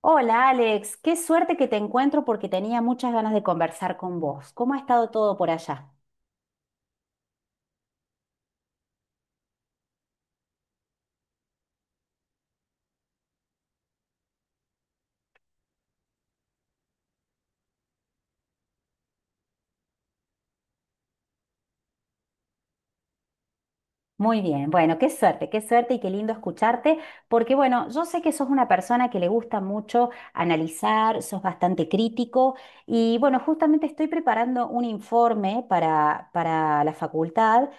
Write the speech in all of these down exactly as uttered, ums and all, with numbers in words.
Hola Alex, qué suerte que te encuentro porque tenía muchas ganas de conversar con vos. ¿Cómo ha estado todo por allá? Muy bien, bueno, qué suerte, qué suerte y qué lindo escucharte, porque bueno, yo sé que sos una persona que le gusta mucho analizar, sos bastante crítico y bueno, justamente estoy preparando un informe para, para la facultad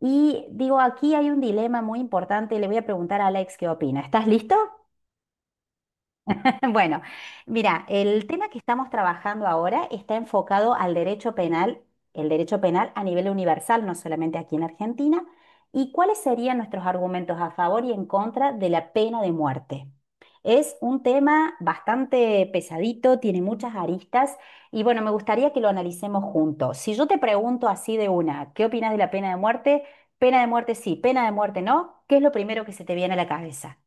y digo, aquí hay un dilema muy importante y le voy a preguntar a Alex qué opina. ¿Estás listo? Bueno, mira, el tema que estamos trabajando ahora está enfocado al derecho penal, el derecho penal a nivel universal, no solamente aquí en Argentina, y cuáles serían nuestros argumentos a favor y en contra de la pena de muerte. Es un tema bastante pesadito, tiene muchas aristas y bueno, me gustaría que lo analicemos juntos. Si yo te pregunto así de una, ¿qué opinas de la pena de muerte? Pena de muerte sí, pena de muerte no, ¿qué es lo primero que se te viene a la cabeza?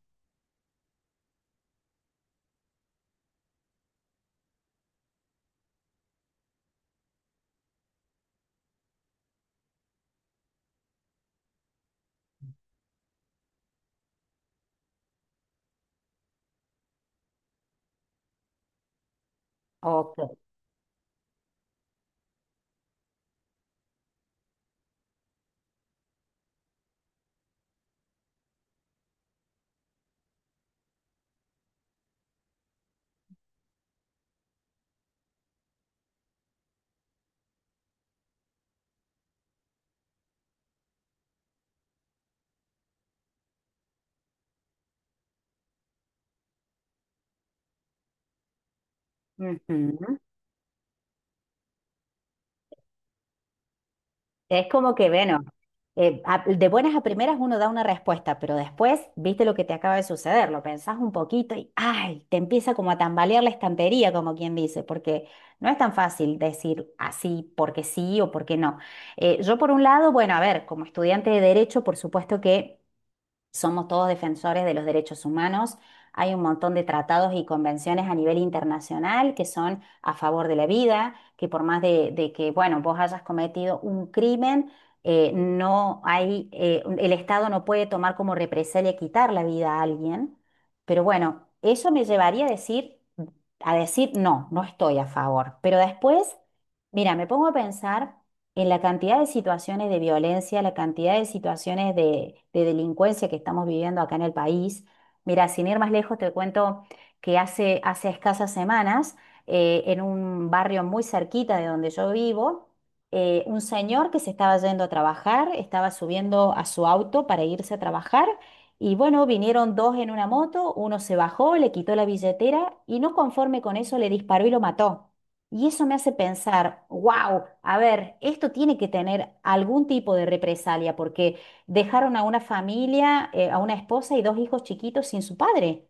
Ok. Ujú. Es como que, bueno, eh, a- de buenas a primeras uno da una respuesta, pero después viste lo que te acaba de suceder, lo pensás un poquito y ¡ay! Te empieza como a tambalear la estantería, como quien dice, porque no es tan fácil decir así porque sí o porque no. Eh, yo por un lado, bueno, a ver, como estudiante de derecho, por supuesto que somos todos defensores de los derechos humanos. Hay un montón de tratados y convenciones a nivel internacional que son a favor de la vida, que por más de, de que, bueno, vos hayas cometido un crimen, eh, no hay, eh, el Estado no puede tomar como represalia quitar la vida a alguien. Pero bueno, eso me llevaría a decir, a decir, no, no estoy a favor. Pero después, mira, me pongo a pensar en la cantidad de situaciones de violencia, la cantidad de situaciones de, de delincuencia que estamos viviendo acá en el país. Mira, sin ir más lejos, te cuento que hace, hace escasas semanas, eh, en un barrio muy cerquita de donde yo vivo, eh, un señor que se estaba yendo a trabajar, estaba subiendo a su auto para irse a trabajar. Y bueno, vinieron dos en una moto, uno se bajó, le quitó la billetera y no conforme con eso le disparó y lo mató. Y eso me hace pensar, wow, a ver, esto tiene que tener algún tipo de represalia, porque dejaron a una familia, eh, a una esposa y dos hijos chiquitos sin su padre.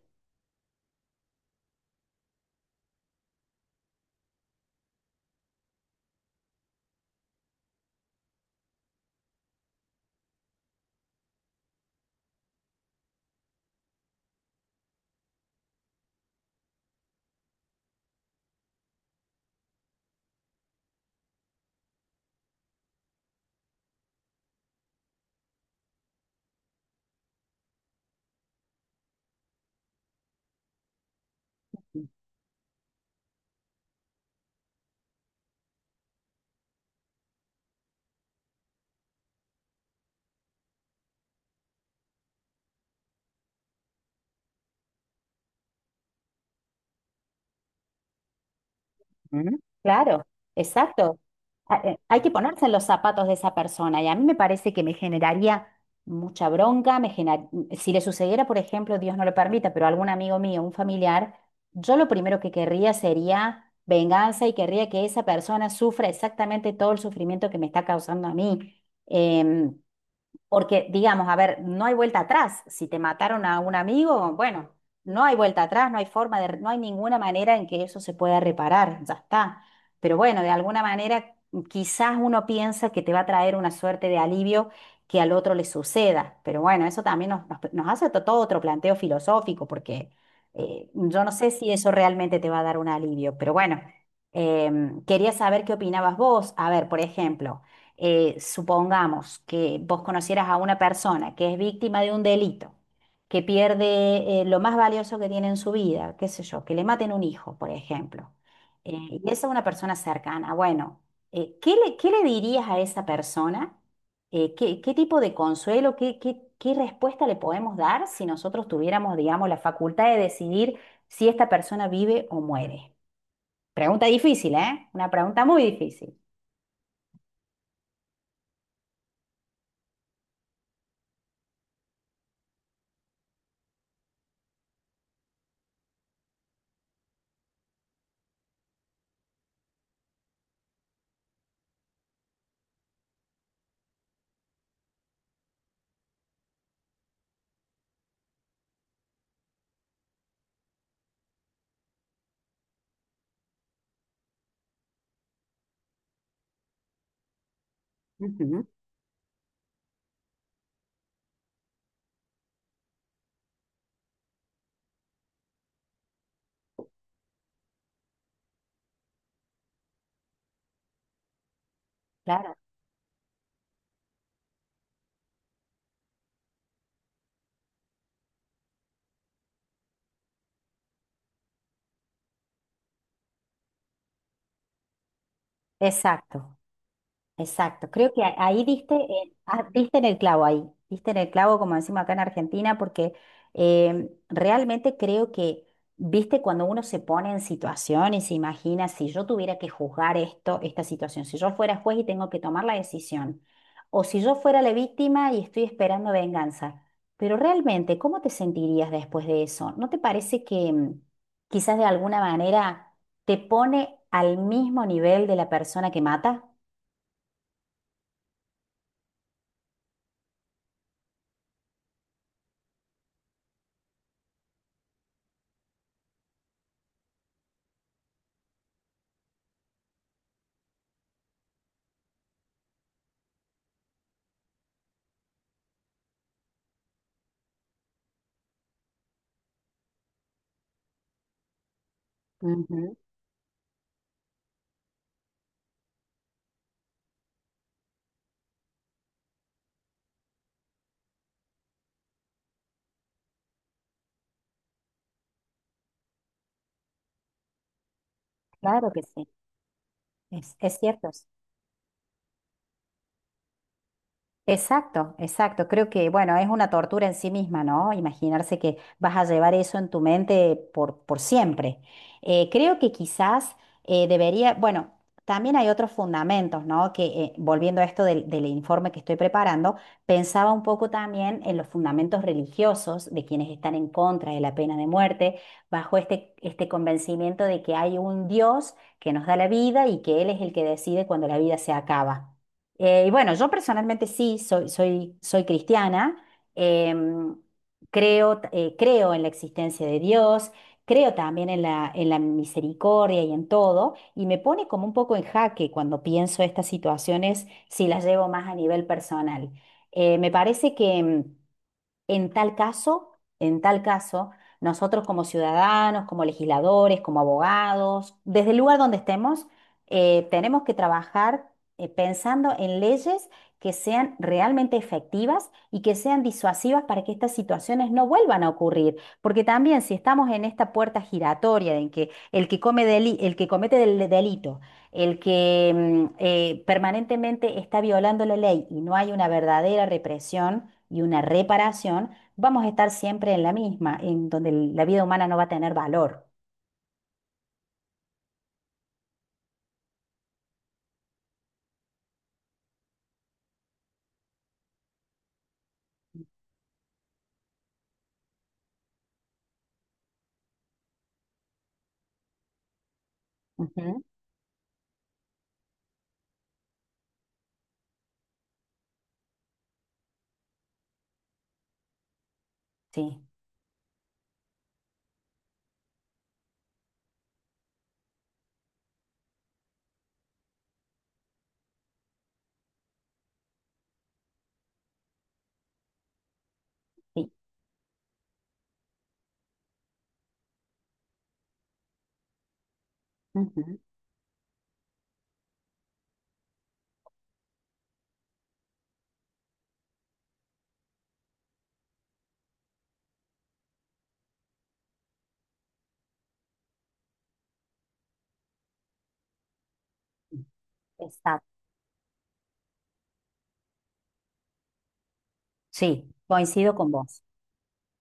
Ujú. Claro, exacto. a- eh, Hay que ponerse en los zapatos de esa persona y a mí me parece que me generaría mucha bronca, me genera- si le sucediera, por ejemplo, Dios no lo permita, pero a algún amigo mío, un familiar, yo lo primero que querría sería venganza y querría que esa persona sufra exactamente todo el sufrimiento que me está causando a mí. Em, Porque, digamos, a ver, no hay vuelta atrás. Si te mataron a un amigo, bueno, no hay vuelta atrás, no hay forma de, no hay ninguna manera en que eso se pueda reparar, ya está. Pero bueno, de alguna manera, quizás uno piensa que te va a traer una suerte de alivio que al otro le suceda. Pero bueno, eso también nos, nos- nos hace to- todo otro planteo filosófico, porque eh, yo no sé si eso realmente te va a dar un alivio. Pero bueno, em, quería saber qué opinabas vos. A ver, por ejemplo eh, supongamos que vos conocieras a una persona que es víctima de un delito, que pierde eh, lo más valioso que tiene en su vida, qué sé yo, que le maten un hijo, por ejemplo, eh, y esa es una persona cercana, bueno, eh, ¿qué le, qué le dirías a esa persona? Eh, ¿qué, qué tipo de consuelo, qué, qué, qué respuesta le podemos dar si nosotros tuviéramos, digamos, la facultad de decidir si esta persona vive o muere? Pregunta difícil, ¿eh? Una pregunta muy difícil. Ujú. Claro, exacto. Exacto, creo que a- ahí diste, en- ah, diste en el clavo ahí, diste en el clavo como decimos acá en Argentina, porque em, realmente creo que, viste, cuando uno se pone en situación y se imagina si yo tuviera que juzgar esto, esta situación, si yo fuera juez y tengo que tomar la decisión, o si yo fuera la víctima y estoy esperando venganza, pero realmente, ¿cómo te sentirías después de eso? ¿No te parece que em, quizás de alguna manera te pone al mismo nivel de la persona que mata? Claro que sí, es, es cierto. Exacto, exacto. Creo que, bueno, es una tortura en sí misma, ¿no? Imaginarse que vas a llevar eso en tu mente por, por siempre. Eh, creo que quizás eh, debería, bueno, también hay otros fundamentos, ¿no? Que eh, volviendo a esto del, del informe que estoy preparando, pensaba un poco también en los fundamentos religiosos de quienes están en contra de la pena de muerte, bajo este, este convencimiento de que hay un Dios que nos da la vida y que Él es el que decide cuando la vida se acaba. Eh, y bueno, yo personalmente sí, soy, soy, soy cristiana, em, creo, t- eh, creo en la existencia de Dios, creo también en la, en la misericordia y en todo, y me pone como un poco en jaque cuando pienso estas situaciones si las llevo más a nivel personal. Eh, me parece que... em, en tal caso, en tal caso, nosotros como ciudadanos, como legisladores, como abogados, desde el lugar donde estemos, eh, tenemos que trabajar eh, pensando en leyes que sean realmente efectivas y que sean disuasivas para que estas situaciones no vuelvan a ocurrir. Porque también si estamos en esta puerta giratoria en que el que come deli- el que comete del delito, el que mm, eh, permanentemente está violando la ley y no hay una verdadera represión, y una reparación, vamos a estar siempre en la misma, en donde la vida humana no va a tener valor. Ujú, sí, sí, ujú. Exacto. Sí, coincido con vos.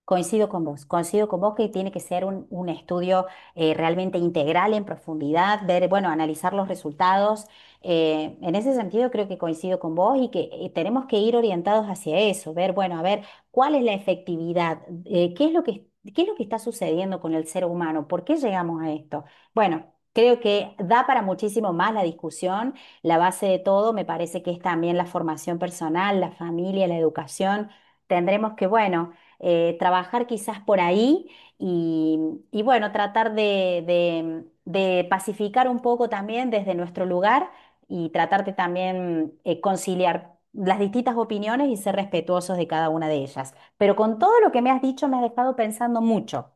Coincido con vos, coincido con vos que tiene que ser un, un estudio eh, realmente integral, en profundidad, ver, bueno, analizar los resultados. Eh, en ese sentido creo que coincido con vos y que eh, tenemos que ir orientados hacia eso, ver, bueno, a ver, cuál es la efectividad. Eh, qué es lo que, ¿Qué es lo que está sucediendo con el ser humano, por qué llegamos a esto? Bueno. Creo que da para muchísimo más la discusión. La base de todo me parece que es también la formación personal, la familia, la educación. Tendremos que, bueno, eh, trabajar quizás por ahí y, y bueno, tratar de, de- de pacificar un poco también desde nuestro lugar y tratar de también eh, conciliar las distintas opiniones y ser respetuosos de cada una de ellas. Pero con todo lo que me has dicho me has dejado pensando mucho.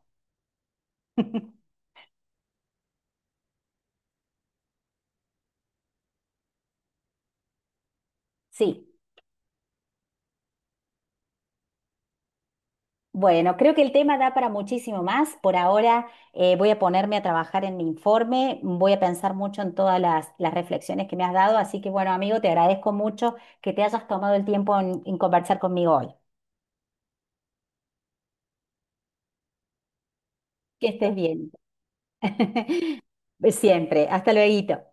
Sí. Bueno, creo que el tema da para muchísimo más. Por ahora eh, voy a ponerme a trabajar en mi informe, voy a pensar mucho en todas las, las reflexiones que me has dado, así que bueno, amigo, te agradezco mucho que te hayas tomado el tiempo en en conversar conmigo hoy. Que estés bien. Siempre. Hasta luego.